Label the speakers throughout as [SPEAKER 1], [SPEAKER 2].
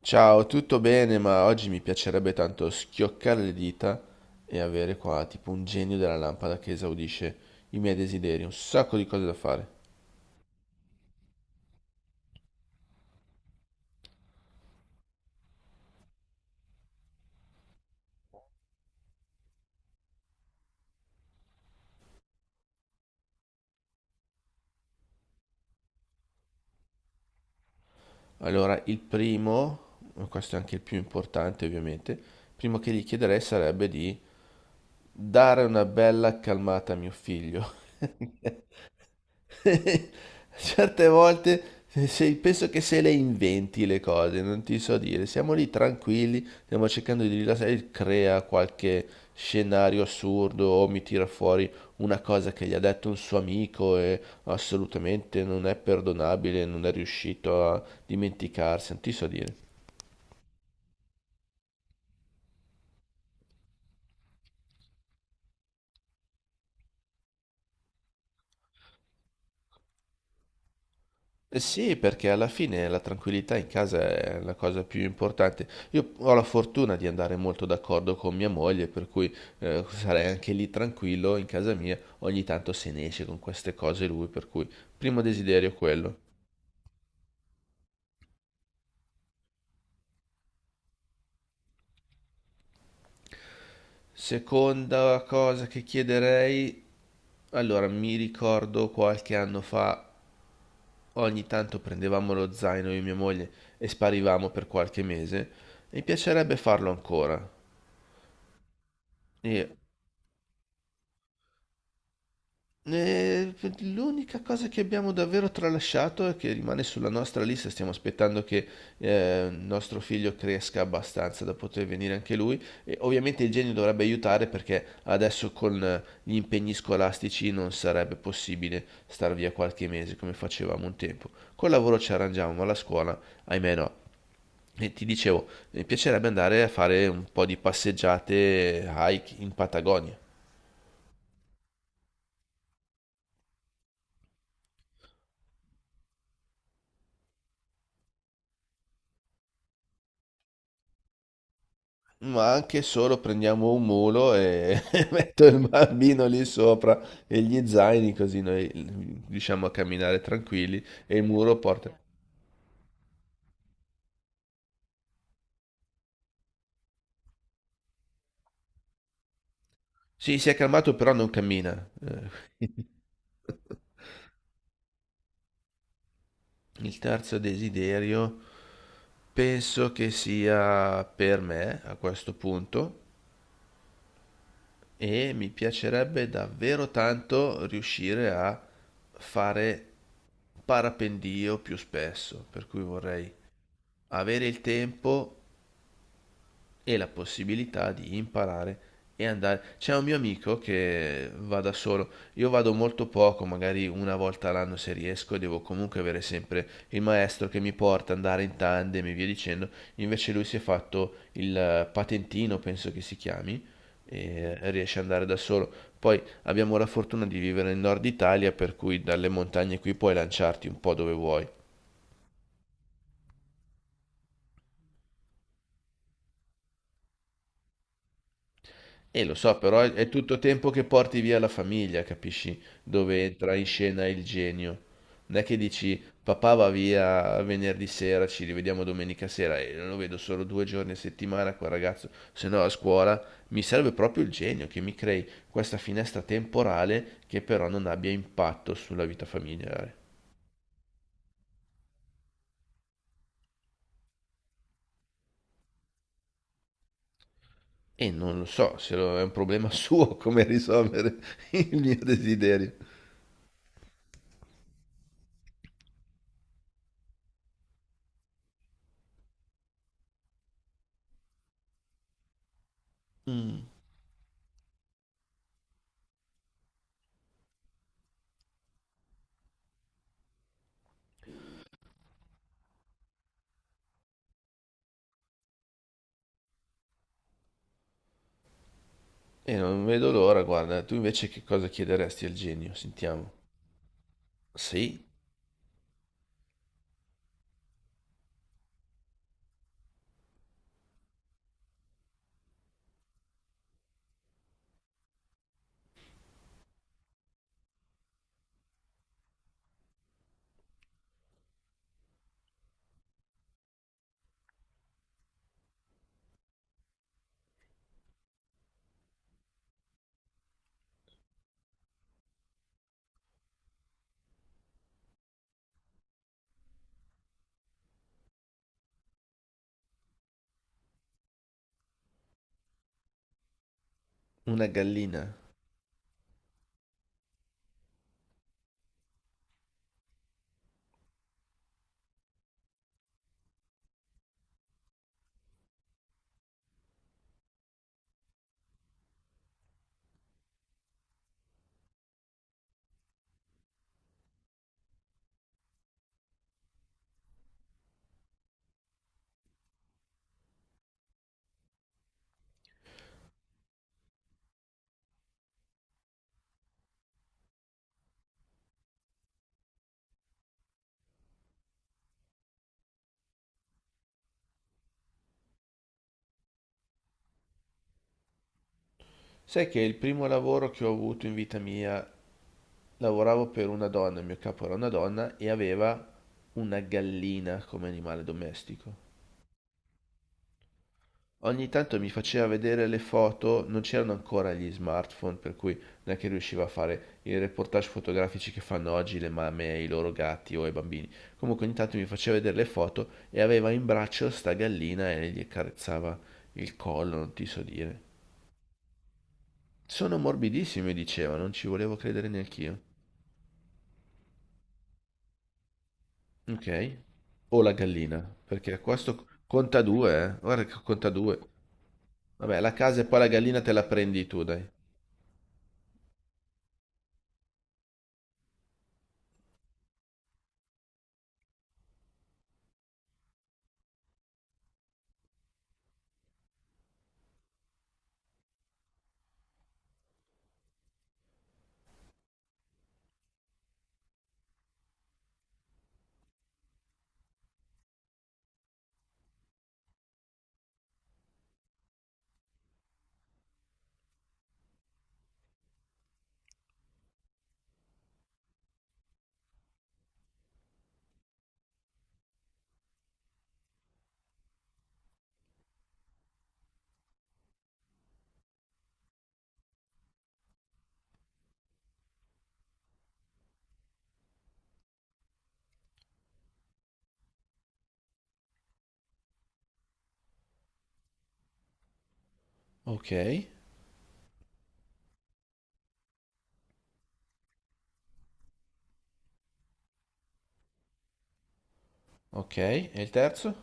[SPEAKER 1] Ciao, tutto bene, ma oggi mi piacerebbe tanto schioccare le dita e avere qua tipo un genio della lampada che esaudisce i miei desideri, un sacco di cose da fare. Allora, il primo, questo è anche il più importante ovviamente, il primo che gli chiederei sarebbe di dare una bella calmata a mio figlio. Certe volte penso che se le inventi le cose, non ti so dire. Siamo lì tranquilli, stiamo cercando di rilassare, e crea qualche scenario assurdo o mi tira fuori una cosa che gli ha detto un suo amico e assolutamente non è perdonabile, non è riuscito a dimenticarsi, non ti so dire. Eh sì, perché alla fine la tranquillità in casa è la cosa più importante. Io ho la fortuna di andare molto d'accordo con mia moglie, per cui sarei anche lì tranquillo in casa mia. Ogni tanto se ne esce con queste cose lui, per cui primo desiderio quello. Seconda cosa che chiederei, allora mi ricordo qualche anno fa, ogni tanto prendevamo lo zaino io e mia moglie e sparivamo per qualche mese. Mi piacerebbe farlo ancora. E Eh, L'unica cosa che abbiamo davvero tralasciato e che rimane sulla nostra lista, stiamo aspettando che il nostro figlio cresca abbastanza da poter venire anche lui. E ovviamente il genio dovrebbe aiutare perché adesso con gli impegni scolastici non sarebbe possibile star via qualche mese come facevamo un tempo. Col lavoro ci arrangiamo, ma la scuola, ahimè no. E ti dicevo, mi piacerebbe andare a fare un po' di passeggiate, hike in Patagonia. Ma anche solo prendiamo un mulo e metto il bambino lì sopra e gli zaini così noi riusciamo a camminare tranquilli e il muro porta. Sì, si è calmato però non cammina. Il terzo desiderio penso che sia per me a questo punto e mi piacerebbe davvero tanto riuscire a fare parapendio più spesso, per cui vorrei avere il tempo e la possibilità di imparare e andare. C'è un mio amico che va da solo, io vado molto poco, magari una volta all'anno se riesco, devo comunque avere sempre il maestro che mi porta, andare in tandem e via dicendo. Invece lui si è fatto il patentino, penso che si chiami, e riesce ad andare da solo. Poi abbiamo la fortuna di vivere nel nord Italia, per cui dalle montagne qui puoi lanciarti un po' dove vuoi. E lo so, però è tutto tempo che porti via la famiglia, capisci? Dove entra in scena il genio. Non è che dici, papà va via venerdì sera, ci rivediamo domenica sera e lo vedo solo due giorni a settimana quel ragazzo, se no a scuola mi serve proprio il genio che mi crei questa finestra temporale che però non abbia impatto sulla vita familiare. E non lo so se è un problema suo come risolvere il mio desiderio. E non vedo l'ora, guarda, tu invece che cosa chiederesti al genio? Sentiamo. Sì, una gallina. Sai che il primo lavoro che ho avuto in vita mia, lavoravo per una donna, il mio capo era una donna e aveva una gallina come animale domestico. Ogni tanto mi faceva vedere le foto, non c'erano ancora gli smartphone, per cui non è che riusciva a fare i reportage fotografici che fanno oggi le mamme e i loro gatti o i bambini. Comunque ogni tanto mi faceva vedere le foto e aveva in braccio sta gallina e gli accarezzava il collo, non ti so dire. Sono morbidissime, diceva, non ci volevo credere neanch'io. Ok. O la gallina, perché questo conta due, eh. Guarda che conta due. Vabbè, la casa e poi la gallina te la prendi tu, dai. Ok. Ok, e il terzo?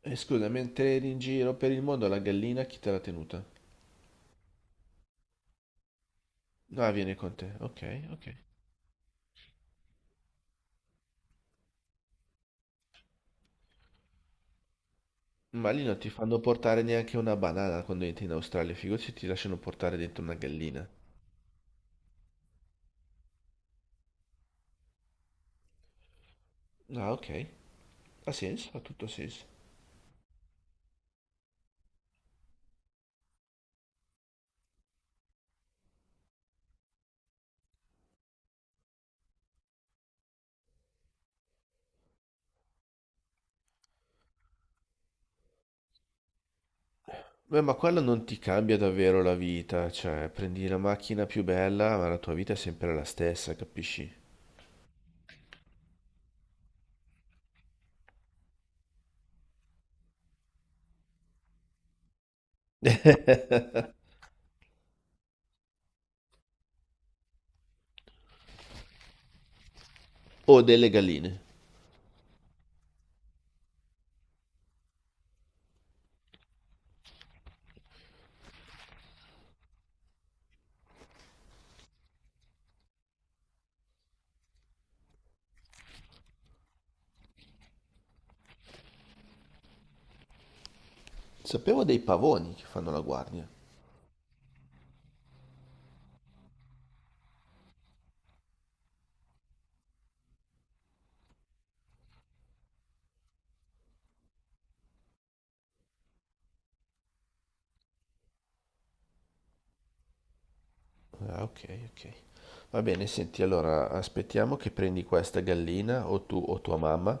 [SPEAKER 1] E scusa, mentre eri in giro per il mondo la gallina chi te l'ha tenuta? Ah, viene con te. Ok, ok. Ma lì non ti fanno portare neanche una banana quando entri in Australia, figurati se ti lasciano portare dentro una gallina. Ah, ok. Ha senso, ha tutto senso. Beh, ma quello non ti cambia davvero la vita, cioè prendi la macchina più bella, ma la tua vita è sempre la stessa, capisci? O delle galline. Sapevo dei pavoni che fanno la guardia. Ah, ok, ok. Va bene, senti, allora aspettiamo che prendi questa gallina o tu o tua mamma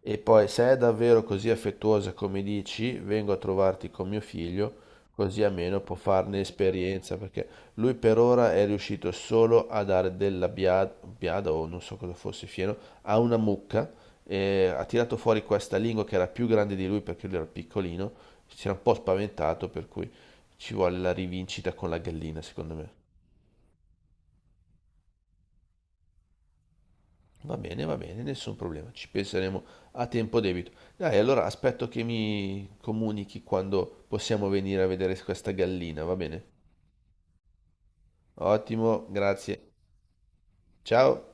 [SPEAKER 1] e poi se è davvero così affettuosa come dici, vengo a trovarti con mio figlio, così almeno può farne esperienza, perché lui per ora è riuscito solo a dare della biada, biada o non so cosa fosse, fieno, a una mucca, e ha tirato fuori questa lingua che era più grande di lui perché lui era piccolino, si era un po' spaventato, per cui ci vuole la rivincita con la gallina, secondo me. Va bene, nessun problema, ci penseremo a tempo debito. Dai, allora aspetto che mi comunichi quando possiamo venire a vedere questa gallina, va bene? Ottimo, grazie. Ciao.